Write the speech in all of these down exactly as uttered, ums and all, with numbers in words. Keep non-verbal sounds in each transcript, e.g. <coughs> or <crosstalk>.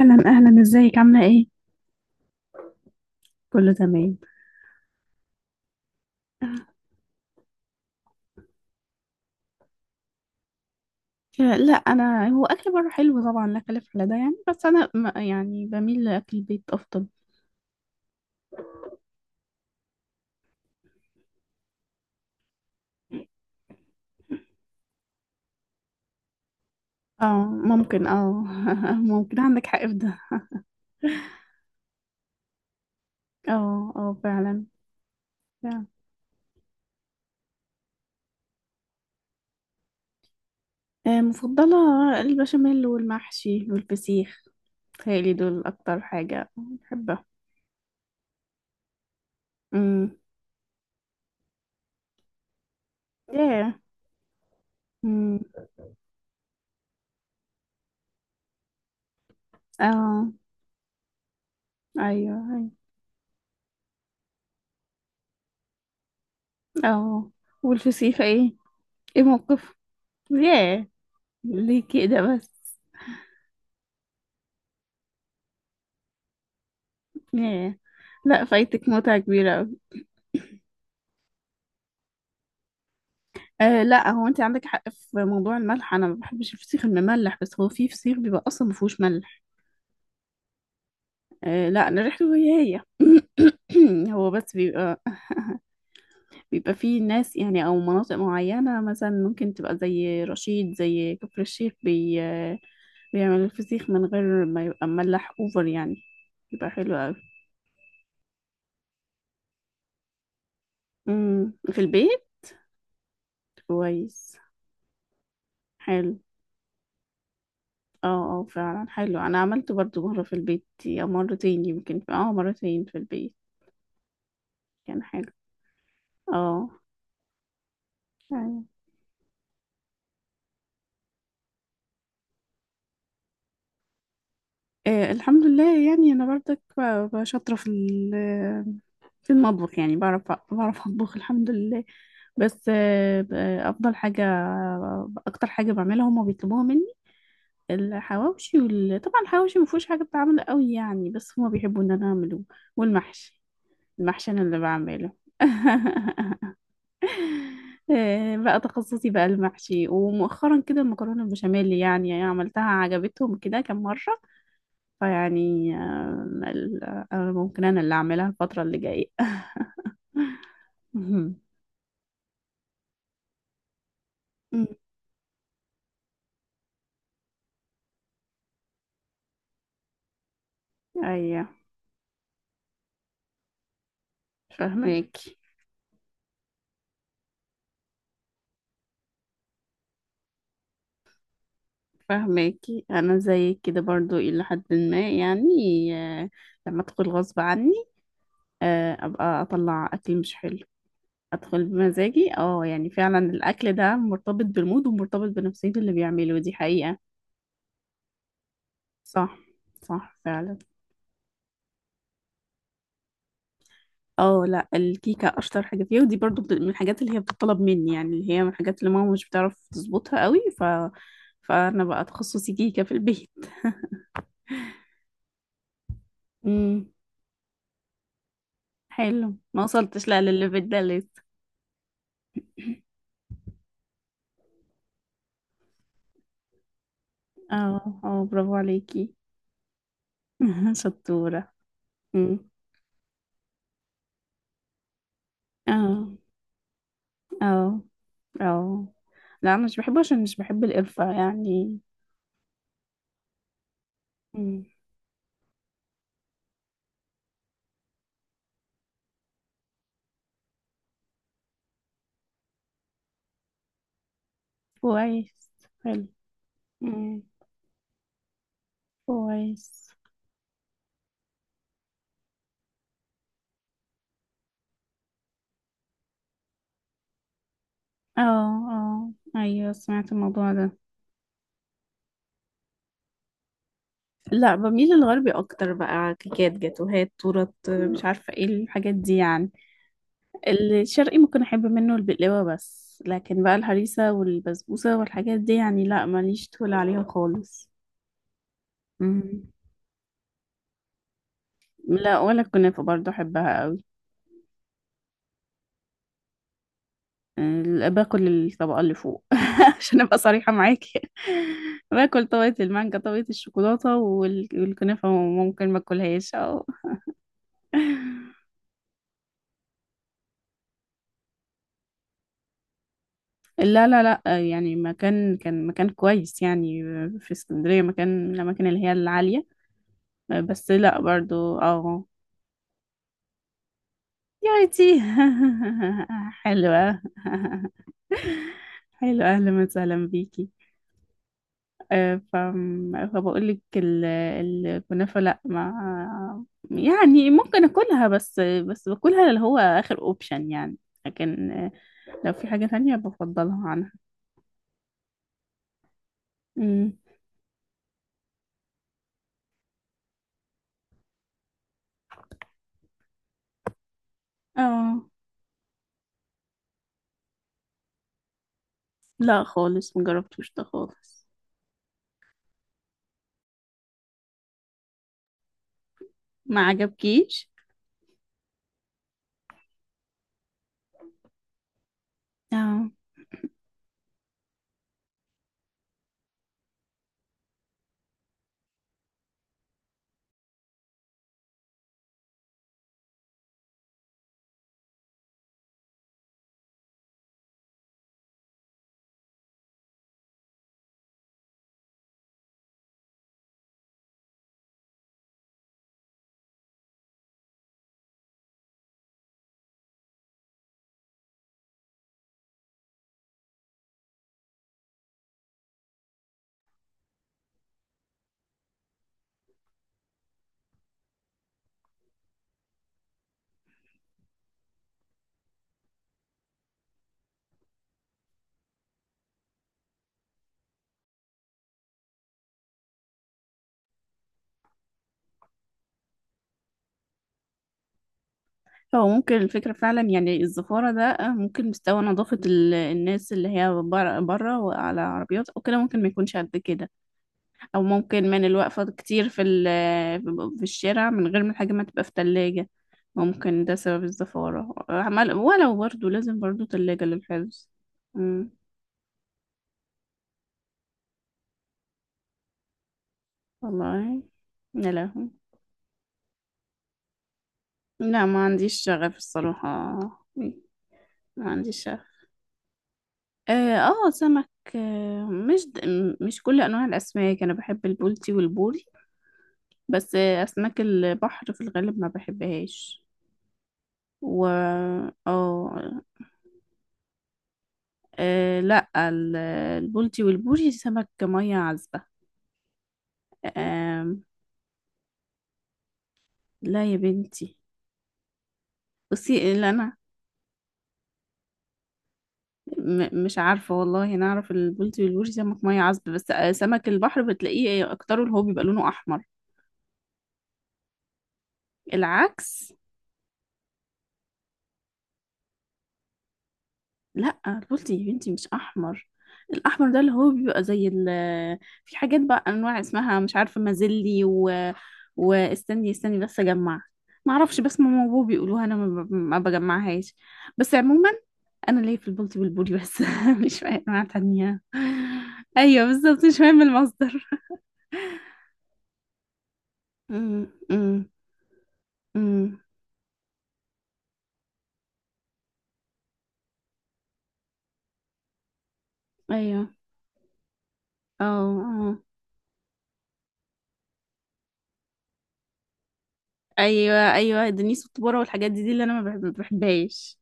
اهلا اهلا، ازيك؟ عامله ايه؟ كله تمام. آه، لا، انا هو اكل بره حلو طبعا، لا خلاف على ده يعني، بس انا م- يعني بميل لاكل البيت افضل. اه ممكن اه. <laughs> ممكن عندك حق في ده. اه اه فعلا. فعلا. آه، مفضله؟ البشاميل والمحشي والفسيخ. تهيألي دول اكتر حاجه بحبها. امم. ايه. امم. اه ايوه ايوه اه. والفسيخ ايه؟ ايه موقف؟ ياه. ليه كده بس؟ ياه. لا، فايتك متعة كبيرة أوي. آه لا، هو انت عندك حق في موضوع الملح، انا ما بحبش الفسيخ المملح، بس هو في فسيخ بيبقى اصلا ما فيهوش ملح. آه لا، انا ريحته هي هي. <coughs> <clears throat> هو بس بيبقى. بيبقى فيه ناس يعني او مناطق معينة مثلا ممكن تبقى زي رشيد، زي كفر الشيخ، بي آه، بيعمل الفسيخ من غير ما يبقى مملح اوفر يعني. يبقى حلو أوي. مم، في البيت. كويس. حلو. اه اه فعلا. حلو، انا عملته برضو مرة في البيت او مرتين يمكن، اه مرتين في البيت. كان حلو. اه أيوة. آه، الحمد لله يعني، انا برضك ب- ب- شاطرة في ال- في المطبخ يعني، بعرف بعرف اطبخ الحمد لله. بس آه ب- افضل حاجة، اكتر حاجة بعملها هما بيطلبوها مني الحواوشي وال... طبعا الحواوشي ما فيهوش حاجة بتعمل قوي يعني، بس هما بيحبوا ان انا اعمله. والمحشي. المحشي انا اللي بعمله. <laughs> آه، بقى تخصصي بقى المحشي، ومؤخرا كده المكرونة البشاميل يعني, يعني عملتها عجبتهم كده كم مرة. فيعني آه، ال- آه، ممكن أنا اللي أعملها الفترة اللي جاية. <laughs> مهم. مم. أيوه. فهماكي. فهماكي، أنا زيك كده برضو إلى حد ما يعني. آه، لما أدخل غصب عني، آه، أبقى أطلع أكل مش حلو. أدخل بمزاجي، اه يعني فعلا الأكل ده مرتبط بالمود ومرتبط بنفسية اللي بيعمله، دي حقيقة. صح. صح فعلا. اه لا، الكيكة اشطر حاجة فيها، ودي برضو بت- من الحاجات اللي هي بتطلب مني، يعني اللي هي من الحاجات اللي ماما مش بتعرف تظبطها قوي ف... فانا بقى تخصصي كيكة في البيت. امم. حلو، ما وصلتش لا للليفل ده لسه. <laughs> اه اه برافو عليكي. <laughs> شطورة. امم. اه اه اه، لا انا مش بحبه عشان مش بحب القرفة يعني. امم. كويس. حلو. امم. كويس. اه اه ايوه سمعت الموضوع ده. لا، بميل للغربي اكتر، بقى كيكات، جاتوهات، تورت، مش عارفه ايه الحاجات دي يعني. الشرقي ممكن احب منه البقلاوه بس، لكن بقى الهريسه والبسبوسه والحاجات دي يعني، لا ماليش تقول عليها خالص. مم. لا، ولا الكنافه برضه احبها قوي. ال- باكل الطبقه اللي فوق، <laughs> عشان ابقى صريحه معاكي. باكل طبقه المانجا، طبقه الشوكولاته، وال- والكنافه ممكن ما اكلهاش. اه لا لا لا، آه، يعني مكان كان مكان كويس يعني، آه، في اسكندرية مكان من الأماكن اللي هي العالية. آه، بس لا برضو اه. يا ريتي. <laughs> حلوة. <laughs> حلوة، أهلا وسهلا بيكي. آه، ف فبقول لك ال- الكنافة، لا ما يعني ممكن أكلها بس، بس باكلها اللي هو آخر أوبشن يعني، لكن آه، لو في حاجة تانية بفضلها عنها. أمم. اه، لا خالص مجربتوش ده خالص. ما عجبكيش. اه، هو ممكن الفكرة فعلا يعني الزفارة ده آه، ممكن مستوى نظافة ال- الناس اللي هي بره، بره وعلى عربيات أو كده، ممكن ما يكونش قد كده. أو ممكن من الوقفة كتير في ال- في الشارع من غير ما الحاجة ما تبقى في تلاجة. ممكن ده سبب الزفارة عمال، ولو برضو لازم برضو تلاجة للحفظ. مم. والله. يا لهوي. لا، ما عنديش شغف الصراحة. ما عنديش شغف. اه. آه، سمك. آه، مش د- م- مش كل انواع الاسماك، انا بحب البولتي والبوري. بس آه، اسماك البحر في الغالب ما بحبهاش. و... اه آه، لا ال- البولتي والبوري سمك ميه عذبه. آم. لا يا بنتي. بصي اللي انا م- مش عارفه والله، انا اعرف البولتي والبوري سمك ميه عذبه، بس آه، سمك البحر بتلاقيه اكتره اللي هو بيبقى لونه احمر. العكس. لا البولتي يا بنتي مش احمر. الاحمر ده اللي هو بيبقى زي ال... في حاجات بقى انواع اسمها مش عارفه، مازلي و... واستني استني بس اجمع. ما اعرفش، بس ماما وبابا بيقولوها، انا ما ب- ما بجمعهاش. بس عموما انا ليا في البولتي والبولي بس، <laughs> مش في أي انواع تانية. ايوه بالظبط، مش مهم المصدر. أمم، أمم. أمم. ايوه. اه اه ايوه ايوه، دنيس والطبوره والحاجات دي، دي اللي انا ما بحب- ما بحبهاش.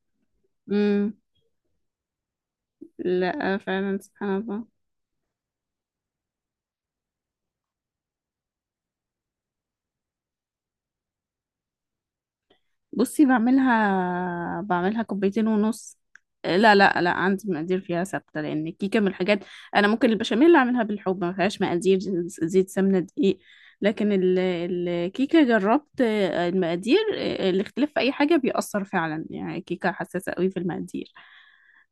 لا فعلا سبحان الله. بصي بعملها بعملها كوبايتين ونص. لا لا لا، عندي مقادير فيها ثابتة، لأن الكيكة من الحاجات. أنا ممكن البشاميل أعملها بالحب، ما فيهاش مقادير، زيت، سمنة، دقيق. لكن ال- الكيكة جربت المقادير، الاختلاف في أي حاجة بيأثر فعلا، يعني الكيكة حساسة قوي في المقادير.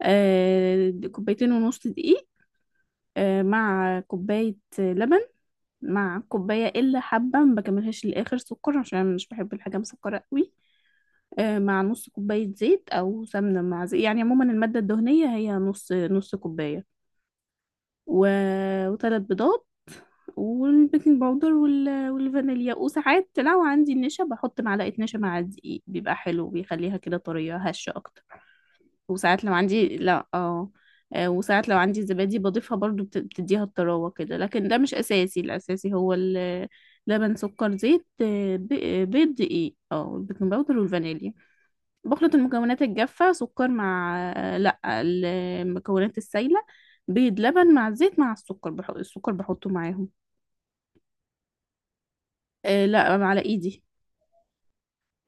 آه، كوبايتين ونص دقيق. آه، مع كوباية لبن، مع الكوباية إلا حبة ما بكملهاش للآخر سكر، عشان أنا مش بحب الحاجة مسكرة قوي. آه، مع نص كوباية زيت أو سمنة مع زيت، يعني عموما المادة الدهنية هي نص نص كوباية، و... وثلاث بيضات، والبيكنج باودر وال... والفانيليا، وساعات لو عندي النشا بحط معلقة نشا مع الدقيق، بيبقى حلو، بيخليها كده طرية هشة أكتر. وساعات لو عندي، لا اه آه، وساعات لو عندي زبادي بضيفها برضو، بت- بتديها الطراوة كده، لكن ده مش أساسي، الأساسي هو ال- لبن، سكر، زيت، آه، ب- آه، بيض، دقيق، اه البيكنج باودر والفانيليا. بخلط المكونات الجافة، سكر مع آه، لا، المكونات السايلة، بيض، لبن، مع الزيت مع السكر، بحط السكر بحطه معاهم. آه، لا، على ايدي.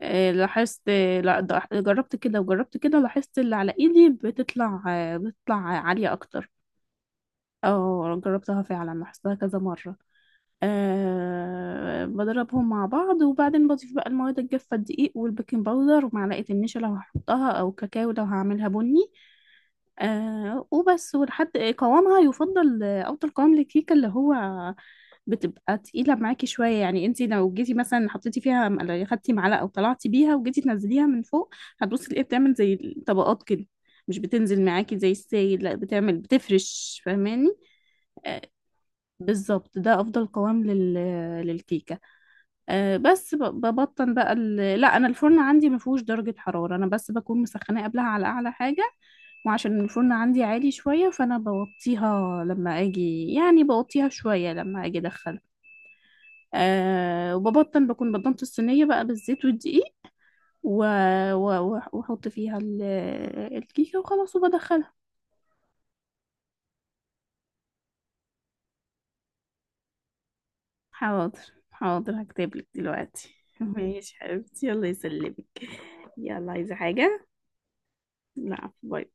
آه، لاحظت، آه، لا، ده- جربت كده وجربت كده، لاحظت اللي على ايدي بتطلع، آه، بتطلع عالية اكتر. اه، جربتها فعلا لاحظتها كذا مرة. أه، بضربهم مع بعض وبعدين بضيف بقى المواد الجافة، الدقيق والبيكنج باودر ومعلقة النشا لو هحطها، أو كاكاو لو هعملها بني. أه وبس، ولحد قوامها يفضل، آه، أفضل قوام للكيكة اللي هو بتبقى تقيلة معاكي شوية، يعني انتي لو جيتي مثلا حطيتي فيها، م- خدتي معلقة وطلعتي بيها وجيتي تنزليها من فوق، هتبصي تلاقيها بتعمل زي طبقات كده، مش بتنزل معاكي زي السايل، لا، بتعمل، بتفرش، فاهماني؟ آه، بالظبط، ده افضل قوام لل... للكيكه. آه، بس ب- ببطن بقى ال... لا، انا الفرن عندي ما فيهوش درجه حراره، انا بس بكون مسخناه قبلها على اعلى حاجه، وعشان الفرن عندي عالي شويه، فانا بوطيها لما اجي، يعني بوطيها شويه لما اجي ادخلها. أه، وببطن، بكون بطنت الصينيه بقى بالزيت والدقيق، و- و- واحط فيها ال- الكيكه وخلاص، وبدخلها. حاضر حاضر، هكتبلك دلوقتي. <laughs> ماشي حبيبتي، يلا يسلمك. يلا، عايزة حاجة؟ لا، باي.